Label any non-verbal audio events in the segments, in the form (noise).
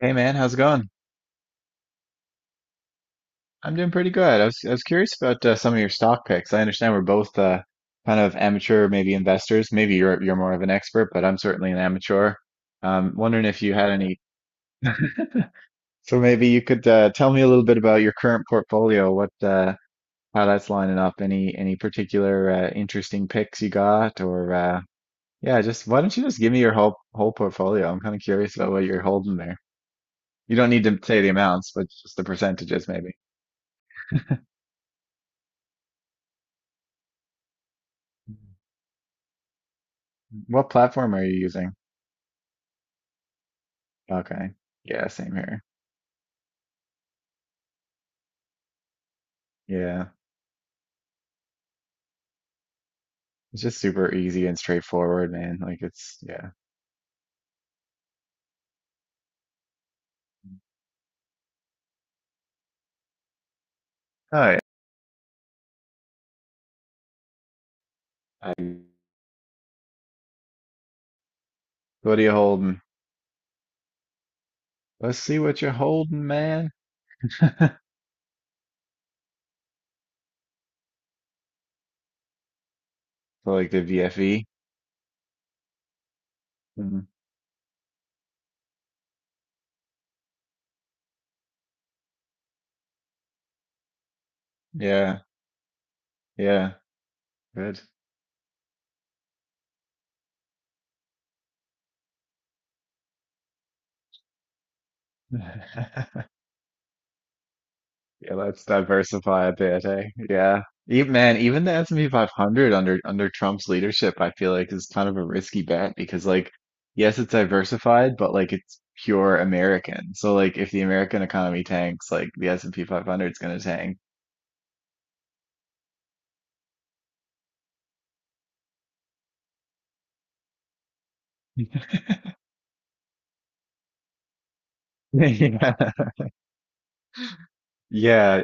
Hey man, how's it going? I'm doing pretty good. I was curious about some of your stock picks. I understand we're both kind of amateur, maybe investors. Maybe you're more of an expert, but I'm certainly an amateur. Wondering if you had any. So maybe you could tell me a little bit about your current portfolio, what how that's lining up. Any particular interesting picks you got, or yeah, just why don't you just give me your whole portfolio? I'm kind of curious about what you're holding there. You don't need to say the amounts, but just the percentages maybe. What platform are you using? Okay. Yeah, same here. Yeah. It's just super easy and straightforward, man. Like it's yeah. All right. I'm What are you holding? Let's see what you're holding, man. (laughs) So like the VFE. Mhm. Yeah. Yeah. Good. (laughs) Yeah, let's diversify a bit, eh? Yeah. Even, man, even the S&P 500 under Trump's leadership, I feel like is kind of a risky bet because like yes, it's diversified, but like it's pure American. So like if the American economy tanks, like the S&P 500 is going to tank. (laughs) Yeah. Yeah,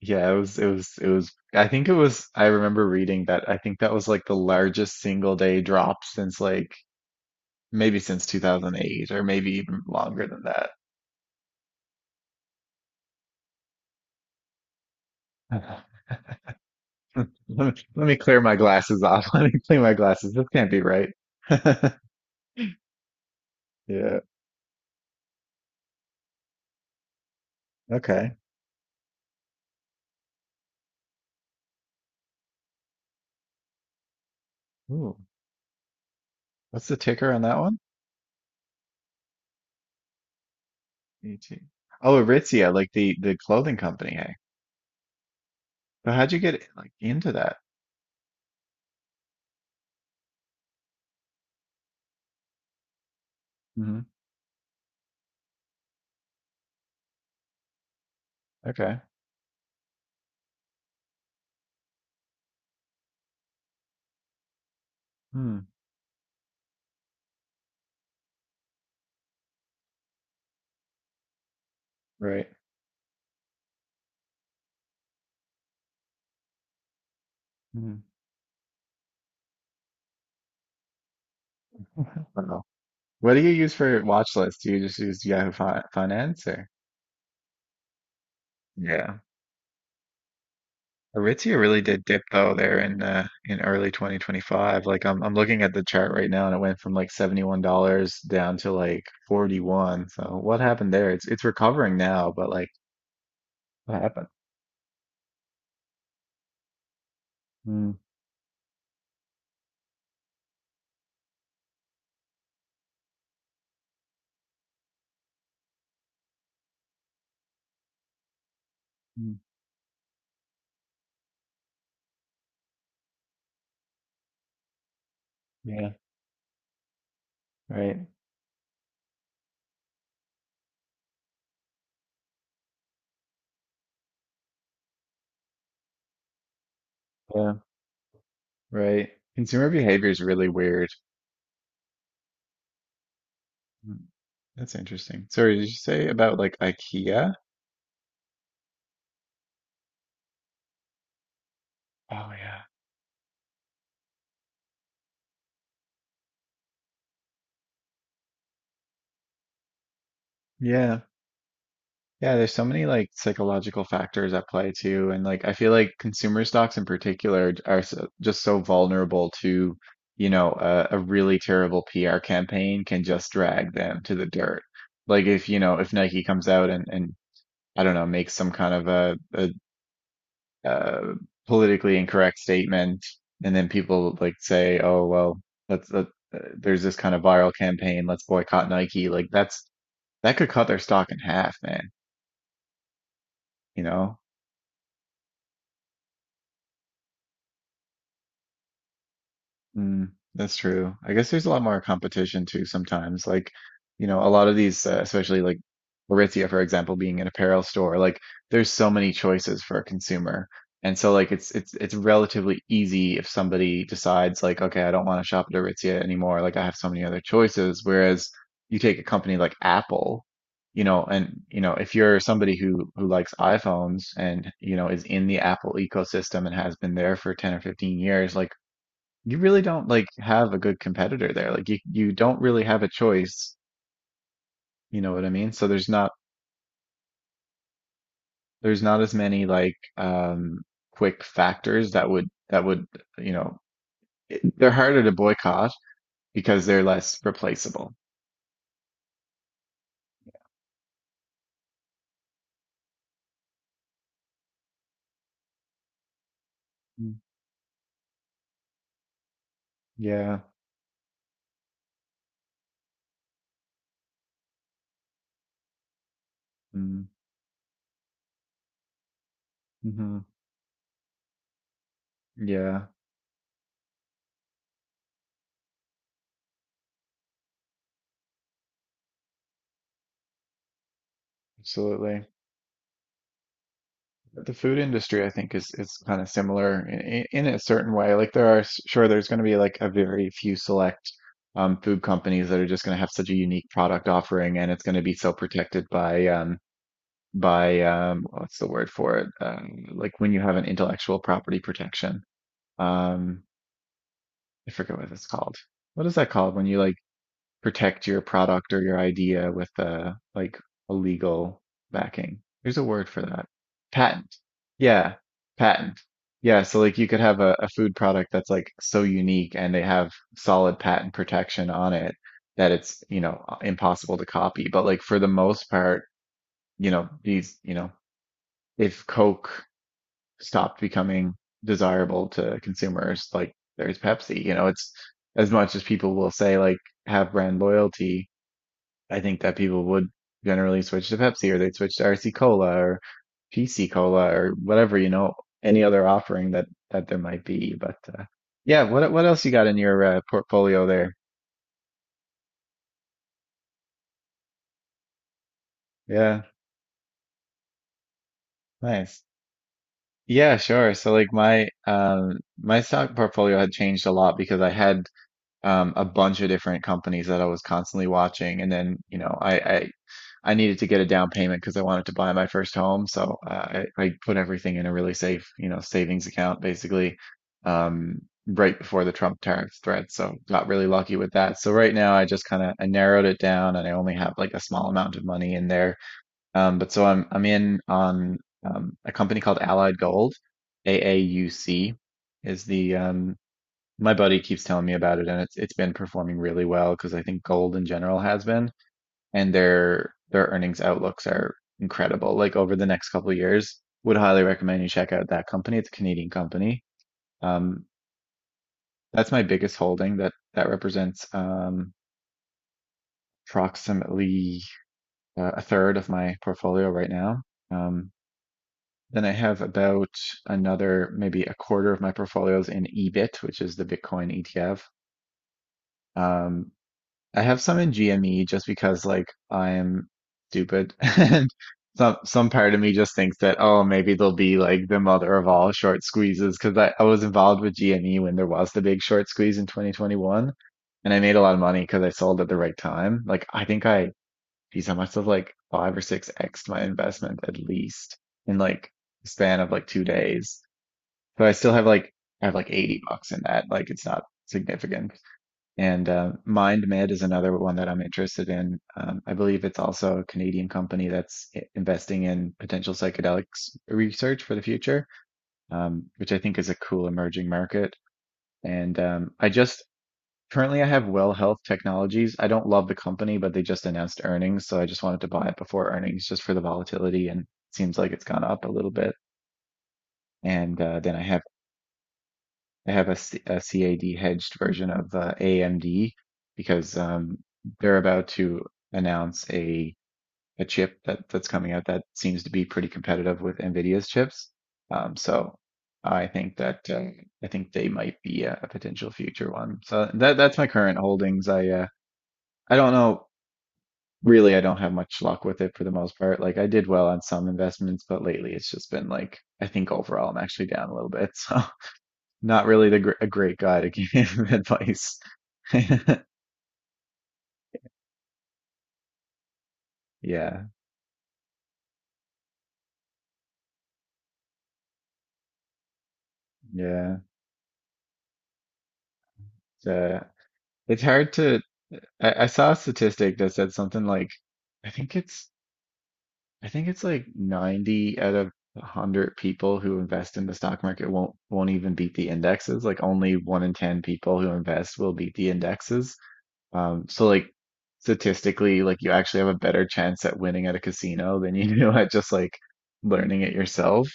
yeah, it was it was it was I think it was I remember reading that I think that was like the largest single day drop since like maybe since 2008 or maybe even longer than that. (laughs) (laughs) Let me clear my glasses off. (laughs) Let me clean my glasses. This can't be right. (laughs) Yeah. Okay. Ooh. What's the ticker on that one? ET. Oh, Aritzia, like the clothing company. Hey. So how'd you get like into that? Hmm. Okay. Hmm. Right. Hmm. I don't know. What do you use for watch lists? Do you just use Yahoo Fi Finance or? Yeah. Aritzia really did dip though there in early 2025. Like I'm looking at the chart right now and it went from like $71 down to like 41. So what happened there? It's recovering now, but like what happened? Mm, mm, yeah, right. Yeah, right. Consumer behavior is really weird. Mm, that's interesting. Sorry, did you say about like IKEA? Oh yeah. Yeah. Yeah, there's so many like psychological factors at play too, and like I feel like consumer stocks in particular are so, just so vulnerable to, you know, a really terrible PR campaign can just drag them to the dirt. Like if, you know, if Nike comes out and I don't know, makes some kind of a politically incorrect statement, and then people like say, "Oh, well, let's let, there's this kind of viral campaign, let's boycott Nike." Like that's that could cut their stock in half, man, you know? Mm, that's true. I guess there's a lot more competition too sometimes. Like, you know, a lot of these, especially like Aritzia, for example, being an apparel store, like there's so many choices for a consumer. And so like it's relatively easy if somebody decides like, okay, I don't want to shop at Aritzia anymore. Like I have so many other choices. Whereas you take a company like Apple, you know, and you know, if you're somebody who likes iPhones and you know is in the Apple ecosystem and has been there for 10 or 15 years, like you really don't like have a good competitor there. Like you don't really have a choice, you know what I mean? So there's not as many like quick factors that would, you know, it, they're harder to boycott because they're less replaceable. Mm, yeah. Mm, hmm, yeah, absolutely. The food industry, I think, is kind of similar in a certain way. Like there are, sure, there's going to be like a very few select food companies that are just going to have such a unique product offering, and it's going to be so protected by what's the word for it? Like when you have an intellectual property protection. Um, I forget what it's called. What is that called when you like protect your product or your idea with a like a legal backing. There's a word for that. Patent. Yeah, patent. Yeah, so like you could have a food product that's like so unique and they have solid patent protection on it that it's, you know, impossible to copy. But like for the most part, you know, these, you know, if Coke stopped becoming desirable to consumers, like there's Pepsi, you know, it's as much as people will say like have brand loyalty, I think that people would generally switch to Pepsi or they'd switch to RC Cola or PC Cola or whatever, you know, any other offering that that there might be. But yeah, what else you got in your portfolio there? Yeah, nice. Yeah, sure. So like my my stock portfolio had changed a lot because I had a bunch of different companies that I was constantly watching and then, you know, I needed to get a down payment because I wanted to buy my first home. So I put everything in a really safe, you know, savings account basically um, right before the Trump tariff threat. So got really lucky with that. So right now I just kind of I narrowed it down and I only have like a small amount of money in there. But so I'm in on a company called Allied Gold, AAUC is the my buddy keeps telling me about it and it's been performing really well because I think gold in general has been and their earnings outlooks are incredible. Like over the next couple of years, would highly recommend you check out that company. It's a Canadian company. Um, that's my biggest holding. That represents approximately a third of my portfolio right now. Um, then I have about another maybe a quarter of my portfolios in EBIT, which is the Bitcoin ETF. Um, I have some in GME just because like I'm stupid (laughs) and some part of me just thinks that oh maybe they'll be like the mother of all short squeezes because I was involved with GME when there was the big short squeeze in 2021 and I made a lot of money because I sold at the right time. Like I think I geez, I must have like five or six X'd my investment at least in like a span of like 2 days. So I still have like I have like 80 bucks in that. Like it's not significant. And MindMed is another one that I'm interested in. I believe it's also a Canadian company that's investing in potential psychedelics research for the future, which I think is a cool emerging market. And I just currently I have Well Health Technologies. I don't love the company, but they just announced earnings, so I just wanted to buy it before earnings just for the volatility and it seems like it's gone up a little bit. And Then I have a, a CAD hedged version of the AMD because they're about to announce a chip that that's coming out that seems to be pretty competitive with NVIDIA's chips. So I think that I think they might be a potential future one. So that's my current holdings. I don't know really. I don't have much luck with it for the most part. Like I did well on some investments, but lately it's just been like I think overall I'm actually down a little bit. (laughs) So. Not really the gr a great guy to give (laughs) advice. (laughs) Yeah, yeah. It's, uh, it's hard to. I saw a statistic that said something like, I think it's, I think it's like 90 out of 100 people who invest in the stock market won't even beat the indexes. Like only one in 10 people who invest will beat the indexes. So like statistically, like you actually have a better chance at winning at a casino than you (laughs) do at just like learning it yourself.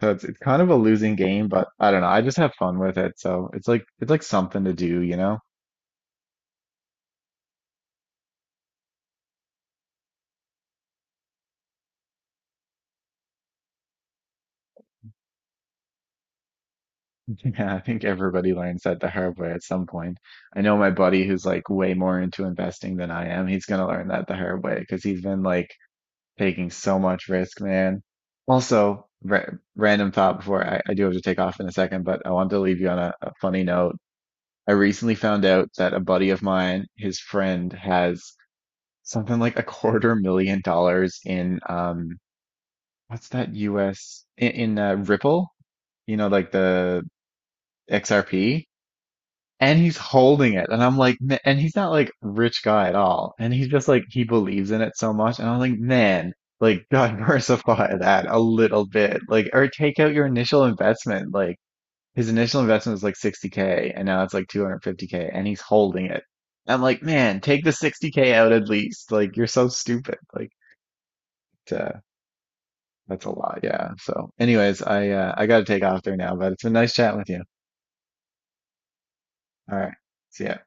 So it's kind of a losing game, but I don't know. I just have fun with it. So it's like something to do, you know? (laughs) Yeah, I think everybody learns that the hard way at some point. I know my buddy who's like way more into investing than I am. He's gonna learn that the hard way because he's been like taking so much risk, man. Also, ra random thought before I do have to take off in a second, but I wanted to leave you on a funny note. I recently found out that a buddy of mine, his friend, has something like a quarter million dollars in what's that US in, Ripple, you know, like the XRP, and he's holding it, and I'm like, "Ma- and he's not like rich guy at all, and he's just like he believes in it so much, and I'm like, man, like diversify (laughs) that a little bit, like or take out your initial investment, like his initial investment was like 60K, and now it's like 250K, and he's holding it. I'm like, man, take the 60K out at least, like you're so stupid, like. Uh, That's a lot. Yeah. So anyways, I got to take off there now, but it's been nice chatting with you. All right. See ya.